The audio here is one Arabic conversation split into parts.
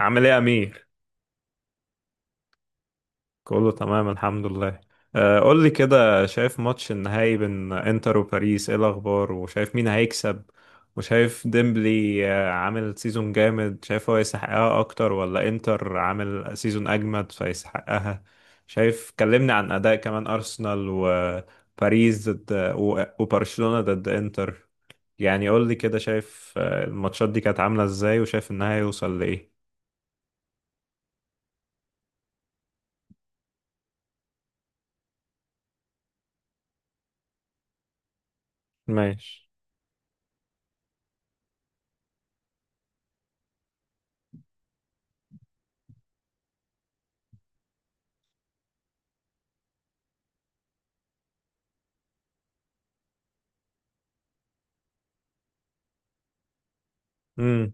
عامل ايه يا امير؟ كله تمام الحمد لله. قول لي كده، شايف ماتش النهائي بين انتر وباريس، ايه الاخبار؟ وشايف مين هيكسب؟ وشايف ديمبلي، عامل سيزون جامد، شايف هو يستحقها اكتر ولا انتر عامل سيزون اجمد فيستحقها؟ شايف، كلمني عن اداء كمان ارسنال وباريس ضد و- وبرشلونة ضد انتر. يعني قول لي كده، شايف الماتشات دي كانت عاملة ازاي؟ وشايف النهائي يوصل لايه؟ ماشي. امم.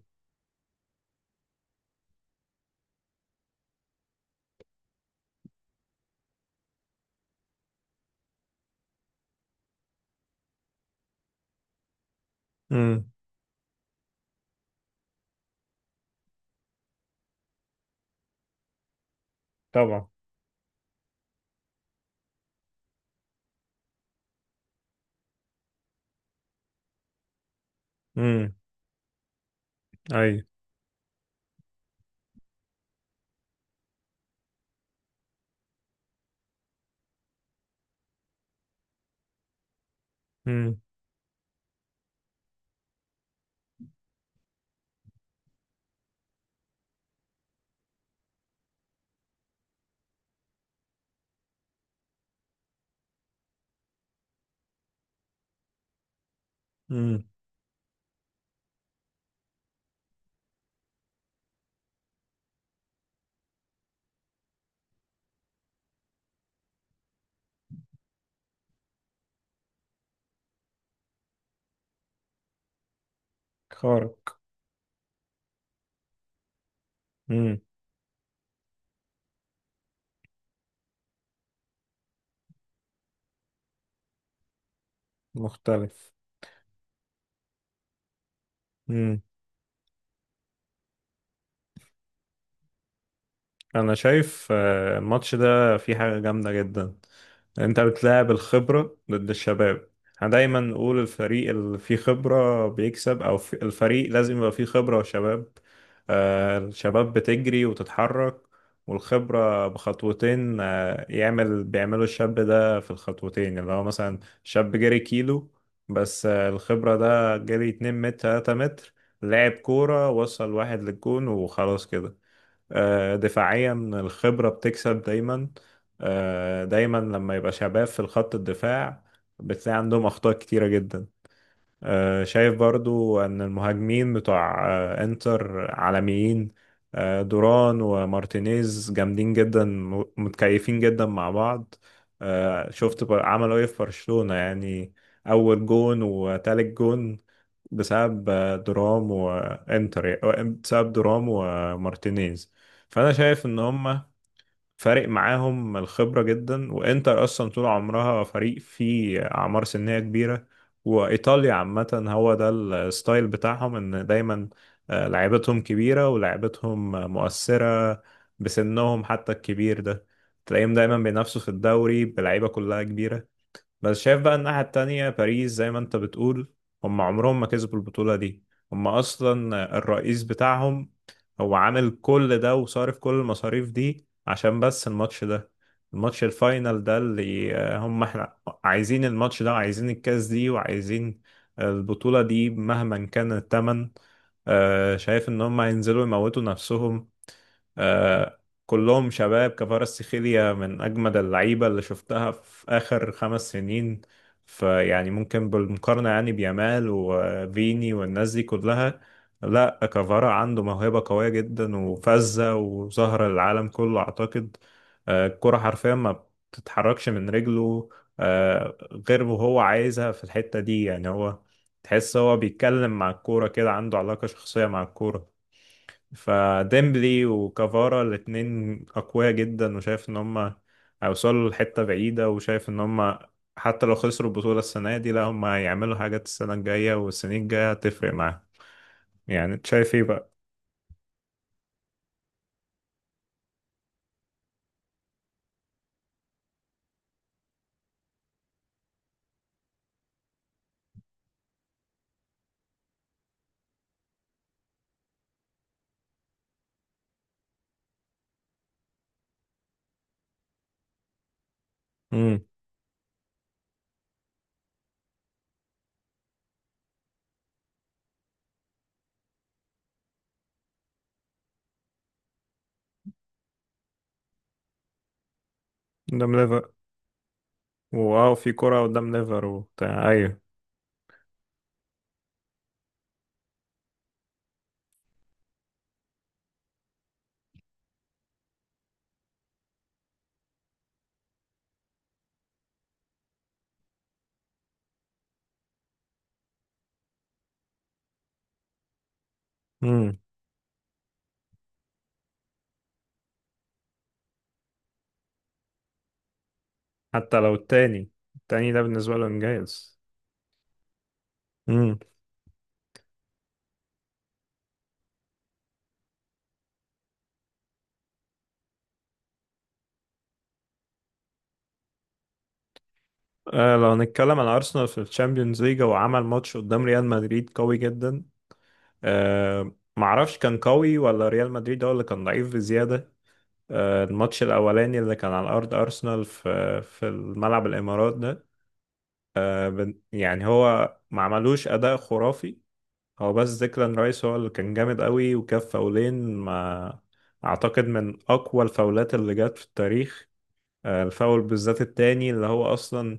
امم. طبعا. امم. اي. امم. امم. خارق. امم. مختلف. مم. انا شايف الماتش ده فيه حاجة جامدة جدا. انت بتلاعب الخبرة ضد الشباب. احنا دايما نقول الفريق اللي فيه خبرة بيكسب، او في الفريق لازم يبقى فيه خبرة وشباب. الشباب بتجري وتتحرك، والخبرة بخطوتين، بيعملوا الشاب ده في الخطوتين، اللي هو مثلا شاب جري كيلو، بس الخبرة ده جري 2 متر 3 متر، لعب كورة، وصل واحد للجون وخلاص كده. دفاعيا الخبرة بتكسب دايما. دايما لما يبقى شباب في الخط الدفاع، بتلاقي عندهم أخطاء كتيرة جدا. شايف برضو ان المهاجمين بتوع انتر عالميين. دوران ومارتينيز جامدين جدا، متكيفين جدا مع بعض. شفت عملوا ايه في برشلونة يعني؟ اول جون وتالت جون بسبب درام وانتر، بسبب درام ومارتينيز. فانا شايف ان هم فارق معاهم الخبرة جدا. وانتر اصلا طول عمرها فريق فيه اعمار سنية كبيرة، وايطاليا عامة هو ده الستايل بتاعهم، ان دايما لعيبتهم كبيرة ولعيبتهم مؤثرة بسنهم حتى الكبير ده. تلاقيهم دايما بينافسوا في الدوري بلعيبة كلها كبيرة. بس شايف بقى الناحية التانية، باريس زي ما انت بتقول، هم عمرهم ما كسبوا البطولة دي. هم أصلا الرئيس بتاعهم هو عامل كل ده وصارف كل المصاريف دي عشان بس الماتش ده، الماتش الفاينل ده اللي هم احنا عايزين الماتش ده، وعايزين الكاس دي، وعايزين البطولة دي مهما كان التمن. شايف ان هم هينزلوا يموتوا نفسهم. آه، كلهم شباب، كفاراتسخيليا من أجمد اللعيبة اللي شفتها في آخر 5 سنين، فيعني ممكن بالمقارنة يعني بيامال وفيني والناس دي كلها. لا، كفارا عنده موهبة قوية جدا وفذة، وظهر العالم كله أعتقد. الكرة حرفيا ما بتتحركش من رجله، آه، غير وهو عايزها في الحتة دي، يعني هو تحس هو بيتكلم مع الكورة كده، عنده علاقة شخصية مع الكورة. فديمبلي وكافارا الاتنين أقوياء جدا، وشايف إن هما هيوصلوا لحتة بعيدة، وشايف إن هما حتى لو خسروا البطولة السنة دي، لا هما هيعملوا حاجات، السنة الجاية والسنين الجاية هتفرق معاهم. يعني أنت شايف إيه بقى؟ امم. قدام ليفر. واو، في كرة قدام ليفر وبتاع، أيوه. امم. حتى لو التاني، التاني ده بالنسبة له إنجاز. امم. لو هنتكلم عن أرسنال في الشامبيونز ليج، هو عمل ماتش قدام ريال مدريد قوي جدا. آه معرفش كان قوي ولا ريال مدريد هو اللي كان ضعيف بزيادة. الماتش الأولاني اللي كان على أرض أرسنال، في الملعب الإمارات ده، يعني هو ما عملوش أداء خرافي. هو بس ديكلان رايس هو اللي كان جامد قوي، وكان فاولين ما أعتقد من أقوى الفاولات اللي جت في التاريخ. الفاول بالذات التاني، اللي هو اصلا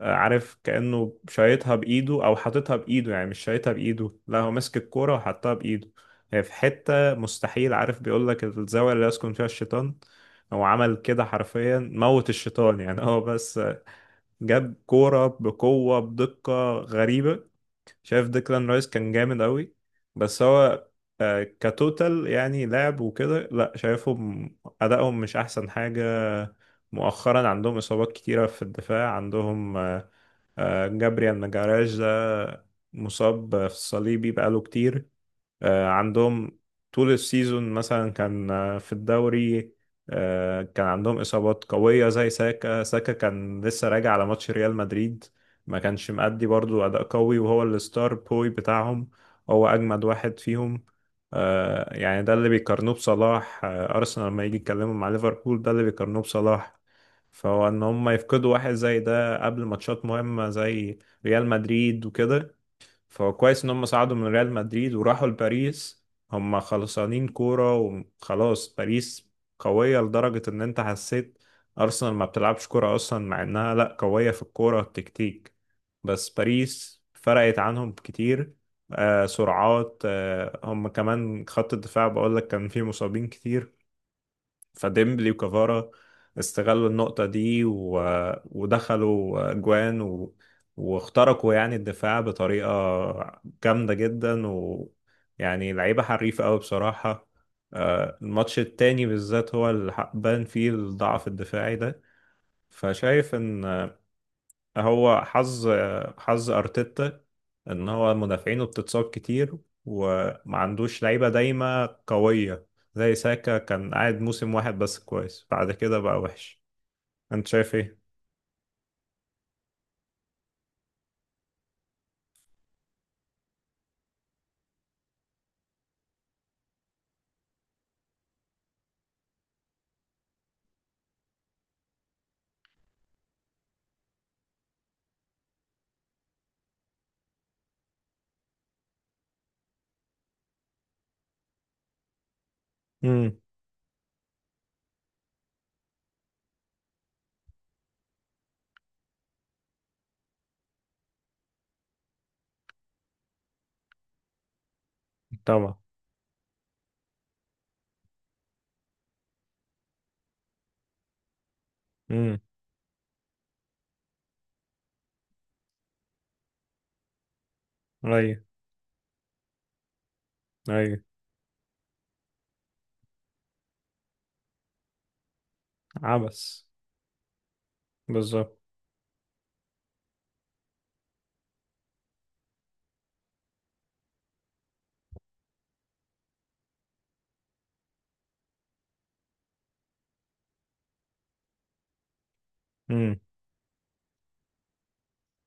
عارف كأنه شايطها بايده او حاططها بايده، يعني مش شايطها بايده، لا هو ماسك الكوره وحطها بايده. هي في حته مستحيل، عارف بيقول لك الزاويه اللي يسكن فيها الشيطان، هو عمل كده حرفيا، موت الشيطان. يعني هو بس جاب كوره بقوه بدقه غريبه. شايف ديكلان رايس كان جامد قوي، بس هو كتوتال يعني لعب وكده. لا شايفهم أدائهم مش أحسن حاجة. مؤخرا عندهم إصابات كتيرة في الدفاع. عندهم جابريال ماجاراش ده مصاب في الصليبي بقاله كتير. عندهم طول السيزون مثلا، كان في الدوري كان عندهم إصابات قوية زي ساكا. ساكا كان لسه راجع على ماتش ريال مدريد، ما كانش مأدي برضو أداء قوي، وهو الستار بوي بتاعهم، هو أجمد واحد فيهم. يعني ده اللي بيقارنوه بصلاح، أرسنال لما يجي يتكلموا مع ليفربول ده اللي بيقارنوه بصلاح. فهو إن هم يفقدوا واحد زي ده قبل ماتشات مهمة زي ريال مدريد وكده، فهو كويس ان هم صعدوا من ريال مدريد وراحوا لباريس. هم خلصانين كورة وخلاص. باريس قوية لدرجة ان انت حسيت ارسنال ما بتلعبش كورة اصلا، مع انها لا قوية في الكورة التكتيك، بس باريس فرقت عنهم كتير. سرعات، هم كمان خط الدفاع بقول لك كان فيه مصابين كتير. فديمبلي وكافارا استغلوا النقطة دي، و... ودخلوا جوان، و... واخترقوا يعني الدفاع بطريقة جامدة جدا، ويعني لعيبة حريفة أوي بصراحة. الماتش التاني بالذات هو اللي بان فيه الضعف الدفاعي ده. فشايف إن هو حظ، حظ ارتيتا، ان هو مدافعينه بتتصاب كتير، وما عندوش لعيبه دايمه قويه، زي ساكا كان قاعد موسم واحد بس كويس، بعد كده بقى وحش. انت شايف ايه؟ امم. طبعا. امم. ايوه. ايوه. عبس. بالظبط. امم.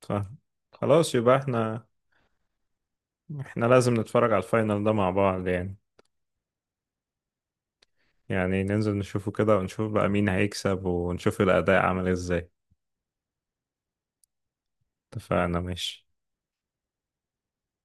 فاهم. خلاص، يبقى احنا لازم نتفرج على الفاينل ده مع بعض يعني، يعني ننزل نشوفه كده، ونشوف بقى مين هيكسب، ونشوف الاداء عامل ازاي. اتفقنا ماشي.